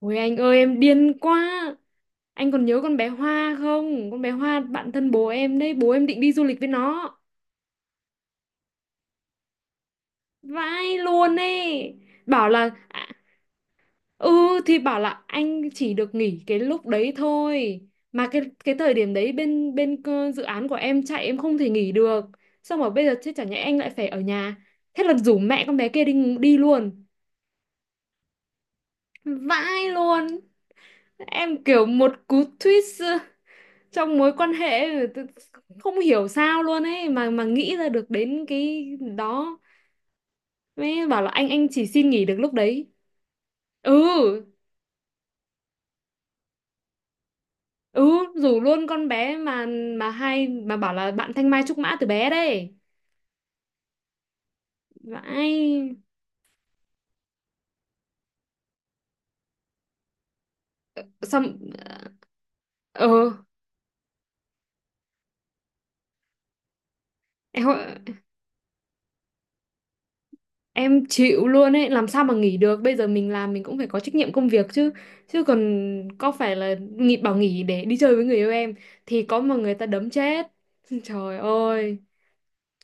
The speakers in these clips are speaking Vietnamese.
Ôi anh ơi, em điên quá. Anh còn nhớ con bé Hoa không? Con bé Hoa bạn thân bố em đấy. Bố em định đi du lịch với nó. Vãi luôn ấy. Bảo là à, ừ, thì bảo là anh chỉ được nghỉ cái lúc đấy thôi. Mà cái thời điểm đấy, bên bên cơ- dự án của em chạy, em không thể nghỉ được. Xong rồi bây giờ chứ chẳng nhẽ anh lại phải ở nhà? Thế là rủ mẹ con bé kia đi đi luôn. Vãi luôn. Em kiểu một cú twist trong mối quan hệ, tự- không hiểu sao luôn ấy, mà nghĩ ra được đến cái đó. Mới bảo là anh chỉ xin nghỉ được lúc đấy. Ừ. Ừ, rủ luôn con bé mà hai mà bảo là bạn Thanh Mai trúc mã từ bé đấy. Vãi. Xong. Ờ, em, em chịu luôn ấy, làm sao mà nghỉ được? Bây giờ mình làm mình cũng phải có trách nhiệm công việc chứ. Chứ còn có phải là nghỉ, bảo nghỉ để đi chơi với người yêu em thì có mà người ta đấm chết. Trời ơi.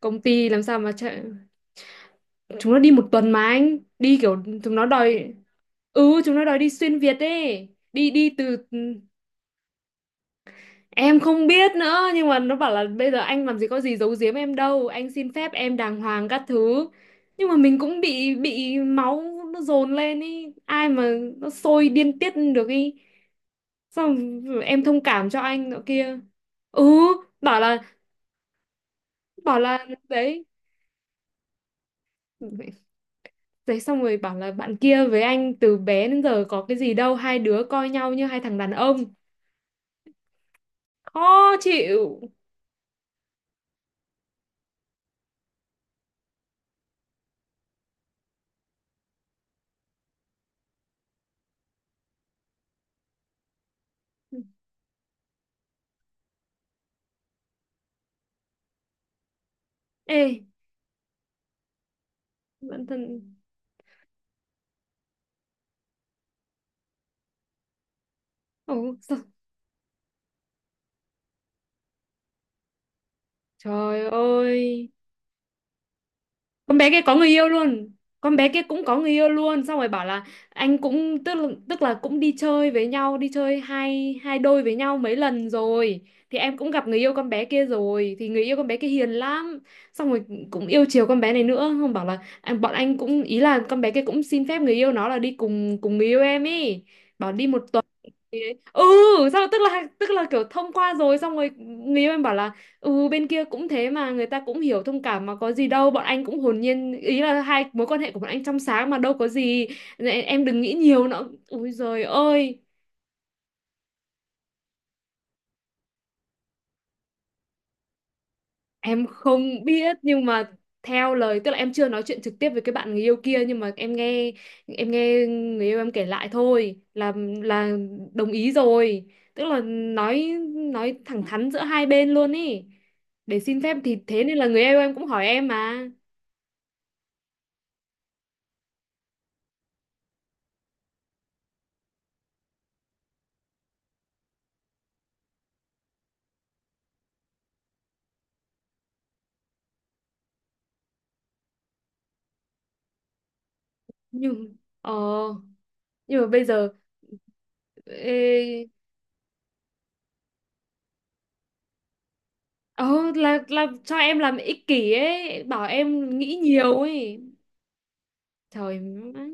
Công ty làm sao mà chạy. Chúng nó đi một tuần mà anh đi kiểu chúng nó đòi. Ừ, chúng nó đòi đi xuyên Việt ấy. Đi đi từ... Em không biết nữa, nhưng mà nó bảo là bây giờ anh làm gì có gì giấu giếm em đâu, anh xin phép em đàng hoàng các thứ. Nhưng mà mình cũng bị máu nó dồn lên ý, ai mà nó sôi điên tiết được ý. Xong. Em thông cảm cho anh nọ kia. Ừ. bảo là bảo là đấy. Đấy, xong rồi bảo là bạn kia với anh từ bé đến giờ có cái gì đâu, hai đứa coi nhau như hai thằng đàn ông. Khó chịu. Ê. Bản thân. Ồ trời ơi, con bé kia có người yêu luôn. Con bé kia cũng có người yêu luôn, xong rồi bảo là anh cũng tức là cũng đi chơi với nhau, đi chơi hai hai đôi với nhau mấy lần rồi, thì em cũng gặp người yêu con bé kia rồi, thì người yêu con bé kia hiền lắm. Xong rồi cũng yêu chiều con bé này nữa. Không, bảo là anh bọn anh cũng ý là con bé kia cũng xin phép người yêu nó là đi cùng cùng người yêu em ý. Bảo đi một. Ý ấy. Ừ, sao tức là kiểu thông qua rồi, xong rồi người yêu em bảo là ừ bên kia cũng thế mà, người ta cũng hiểu thông cảm mà, có gì đâu, bọn anh cũng hồn nhiên ý là hai mối quan hệ của bọn anh trong sáng mà đâu có gì. Nên em đừng nghĩ nhiều nữa. Ui giời ơi. Em không biết, nhưng mà theo lời tức là em chưa nói chuyện trực tiếp với cái bạn người yêu kia, nhưng mà em nghe, em nghe người yêu em kể lại thôi là đồng ý rồi. Tức là nói nói thẳng thắn giữa hai bên luôn ý. Để xin phép thì thế, nên là người yêu em cũng hỏi em mà. Nhưng ờ, nhưng mà bây giờ ê, ờ là cho em làm ích kỷ ấy, bảo em nghĩ nhiều ấy. Trời má.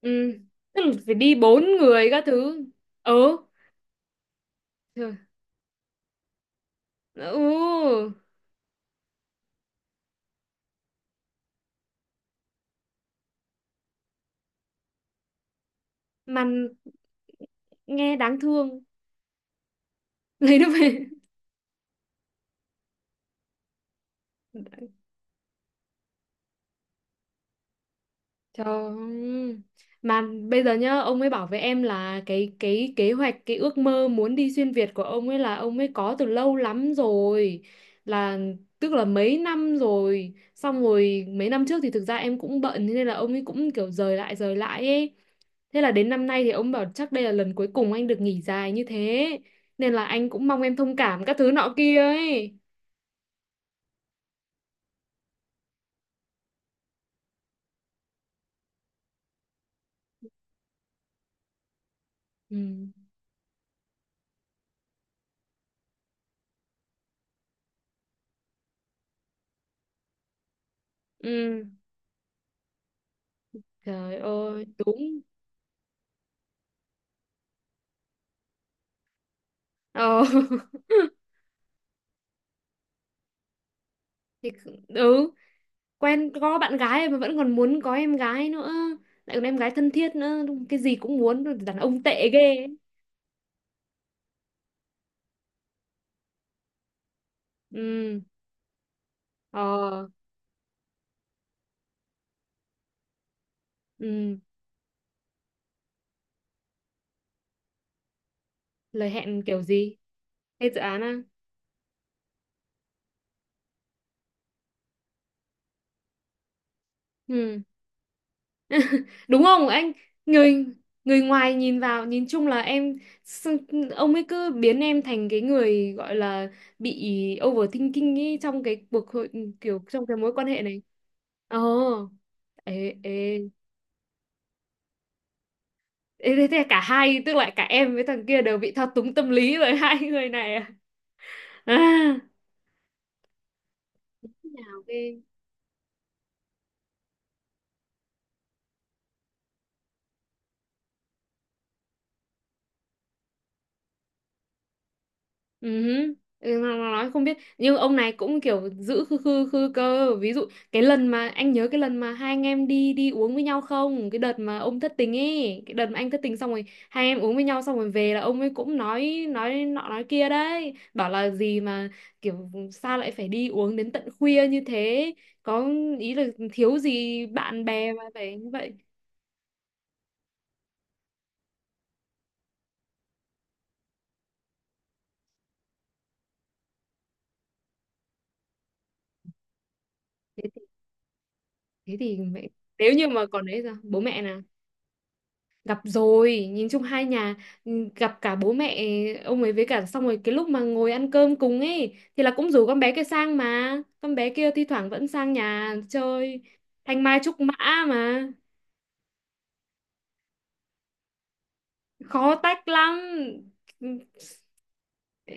Ừ. Tức là phải đi bốn người các thứ. Ừ. Ừ. Mà nghe đáng thương. Lấy nó về. Trời ơi. Mà bây giờ nhá, ông ấy bảo với em là cái kế hoạch, cái ước mơ muốn đi xuyên Việt của ông ấy là ông ấy có từ lâu lắm rồi. Là tức là mấy năm rồi. Xong rồi mấy năm trước thì thực ra em cũng bận, thế nên là ông ấy cũng kiểu rời lại ấy. Thế là đến năm nay thì ông bảo chắc đây là lần cuối cùng anh được nghỉ dài như thế. Nên là anh cũng mong em thông cảm các thứ nọ kia ấy. Ừ. Ừ. Trời ơi, đúng. Ờ. Thì, ừ, quen có bạn gái mà vẫn còn muốn có em gái nữa, lại còn em gái thân thiết nữa, cái gì cũng muốn. Đàn ông tệ ghê ấy. Ừ. Ờ. Ừ. Lời hẹn kiểu gì? Hay dự án à? Ừ. Đúng không anh? Người, người ngoài nhìn vào nhìn chung là em, ông ấy cứ biến em thành cái người gọi là bị overthinking ấy, trong cái cuộc hội, kiểu trong cái mối quan hệ này. Ờ. Ê. Ê. Ê, thế thế cả hai tức là cả em với thằng kia đều bị thao túng tâm lý bởi hai người này à, à. Nào ghê. Ừ. Hứ. Ừ, nó nói không biết, nhưng ông này cũng kiểu giữ khư khư khư cơ. Ví dụ cái lần mà anh nhớ, cái lần mà hai anh em đi đi uống với nhau không, cái đợt mà ông thất tình ấy, cái đợt mà anh thất tình, xong rồi hai anh em uống với nhau xong rồi về là ông ấy cũng nói nọ nói kia đấy, bảo là gì mà kiểu sao lại phải đi uống đến tận khuya như thế. Có ý là thiếu gì bạn bè mà phải như vậy. thế, thì- thế thì mẹ nếu như mà còn đấy sao bố mẹ là gặp rồi, nhìn chung hai nhà. Ừ, gặp cả bố mẹ ông ấy, với cả xong rồi cái lúc mà ngồi ăn cơm cùng ấy thì là cũng rủ con bé kia sang, mà con bé kia thi thoảng vẫn sang nhà chơi. Thanh Mai trúc mã mà. Khó tách lắm. Ừ. Ừ.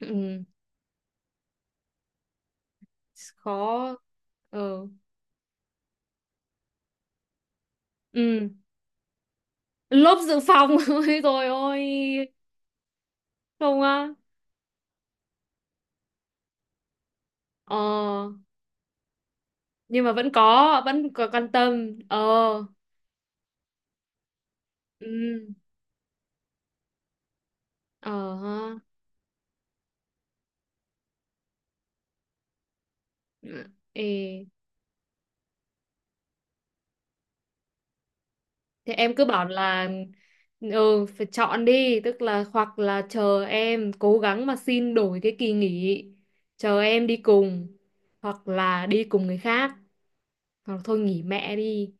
Ừ. Khó. Ừ. Ừ. Lốp dự phòng. Ôi rồi ôi. Không á. Ờ, nhưng mà vẫn có quan tâm. Ờ. Ừ, ờ ha. Ê, thế em cứ bảo là ừ phải chọn đi, tức là hoặc là chờ em cố gắng mà xin đổi cái kỳ nghỉ, chờ em đi cùng, hoặc là đi cùng người khác, hoặc thôi nghỉ mẹ đi.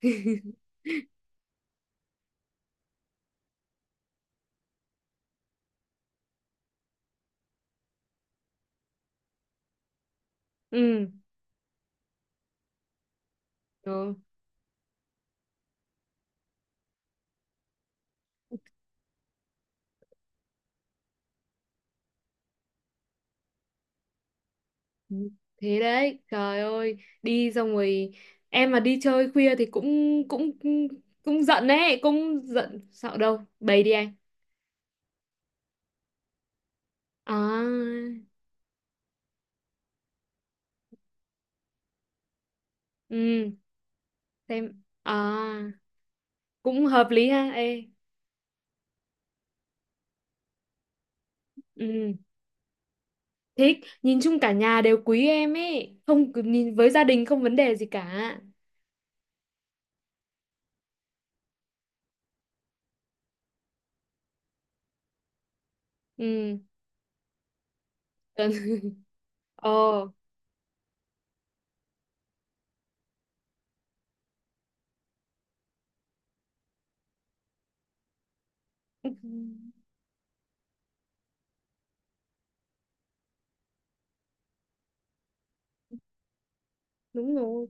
Ừ. Ừ. Thế đấy, trời ơi, đi xong rồi em mà đi chơi khuya thì cũng, cũng giận đấy, cũng giận sợ đâu. Bày đi anh. À. Ừ. Xem à, cũng hợp lý ha. Ê. Ừ, thích, nhìn chung cả nhà đều quý em ấy, không cứ nhìn với gia đình không vấn đề gì cả. Ừ, cần. Ờ, đúng rồi,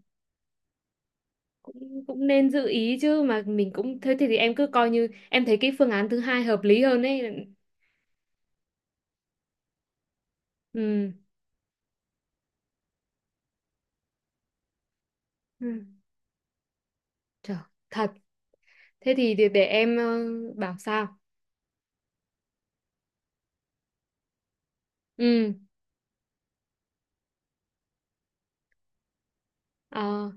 cũng cũng nên giữ ý chứ, mà mình cũng thế, thì em cứ coi như em thấy cái phương án thứ hai hợp lý hơn ấy. Ừ. Ừ. Trời, thật. Thế thì để em ờ, bảo sao? Ừ. Ờ.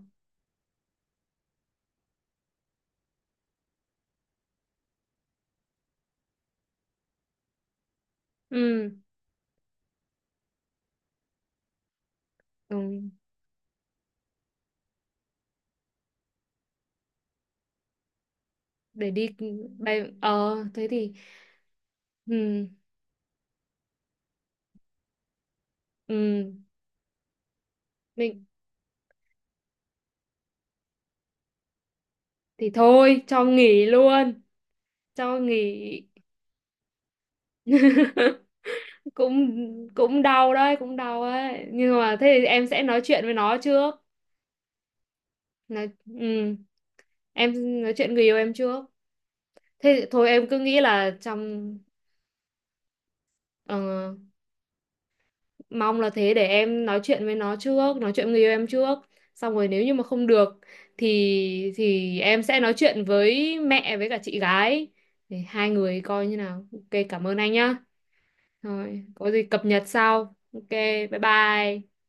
Ừ. Ừ. Để đi bay ờ thế thì. Ừ. Ừ. Mình thì thôi cho nghỉ luôn. Cho nghỉ. cũng cũng đau đấy, cũng đau ấy, nhưng mà thế thì em sẽ nói chuyện với nó trước. Nói, ừ, em nói chuyện người yêu em trước, thế thì thôi em cứ nghĩ là trong ờ, mong là thế, để em nói chuyện với nó trước, nói chuyện người yêu em trước, xong rồi nếu như mà không được thì em sẽ nói chuyện với mẹ với cả chị gái để hai người coi như nào. Ok, cảm ơn anh nhá. Rồi, có gì cập nhật sau. Ok, bye bye.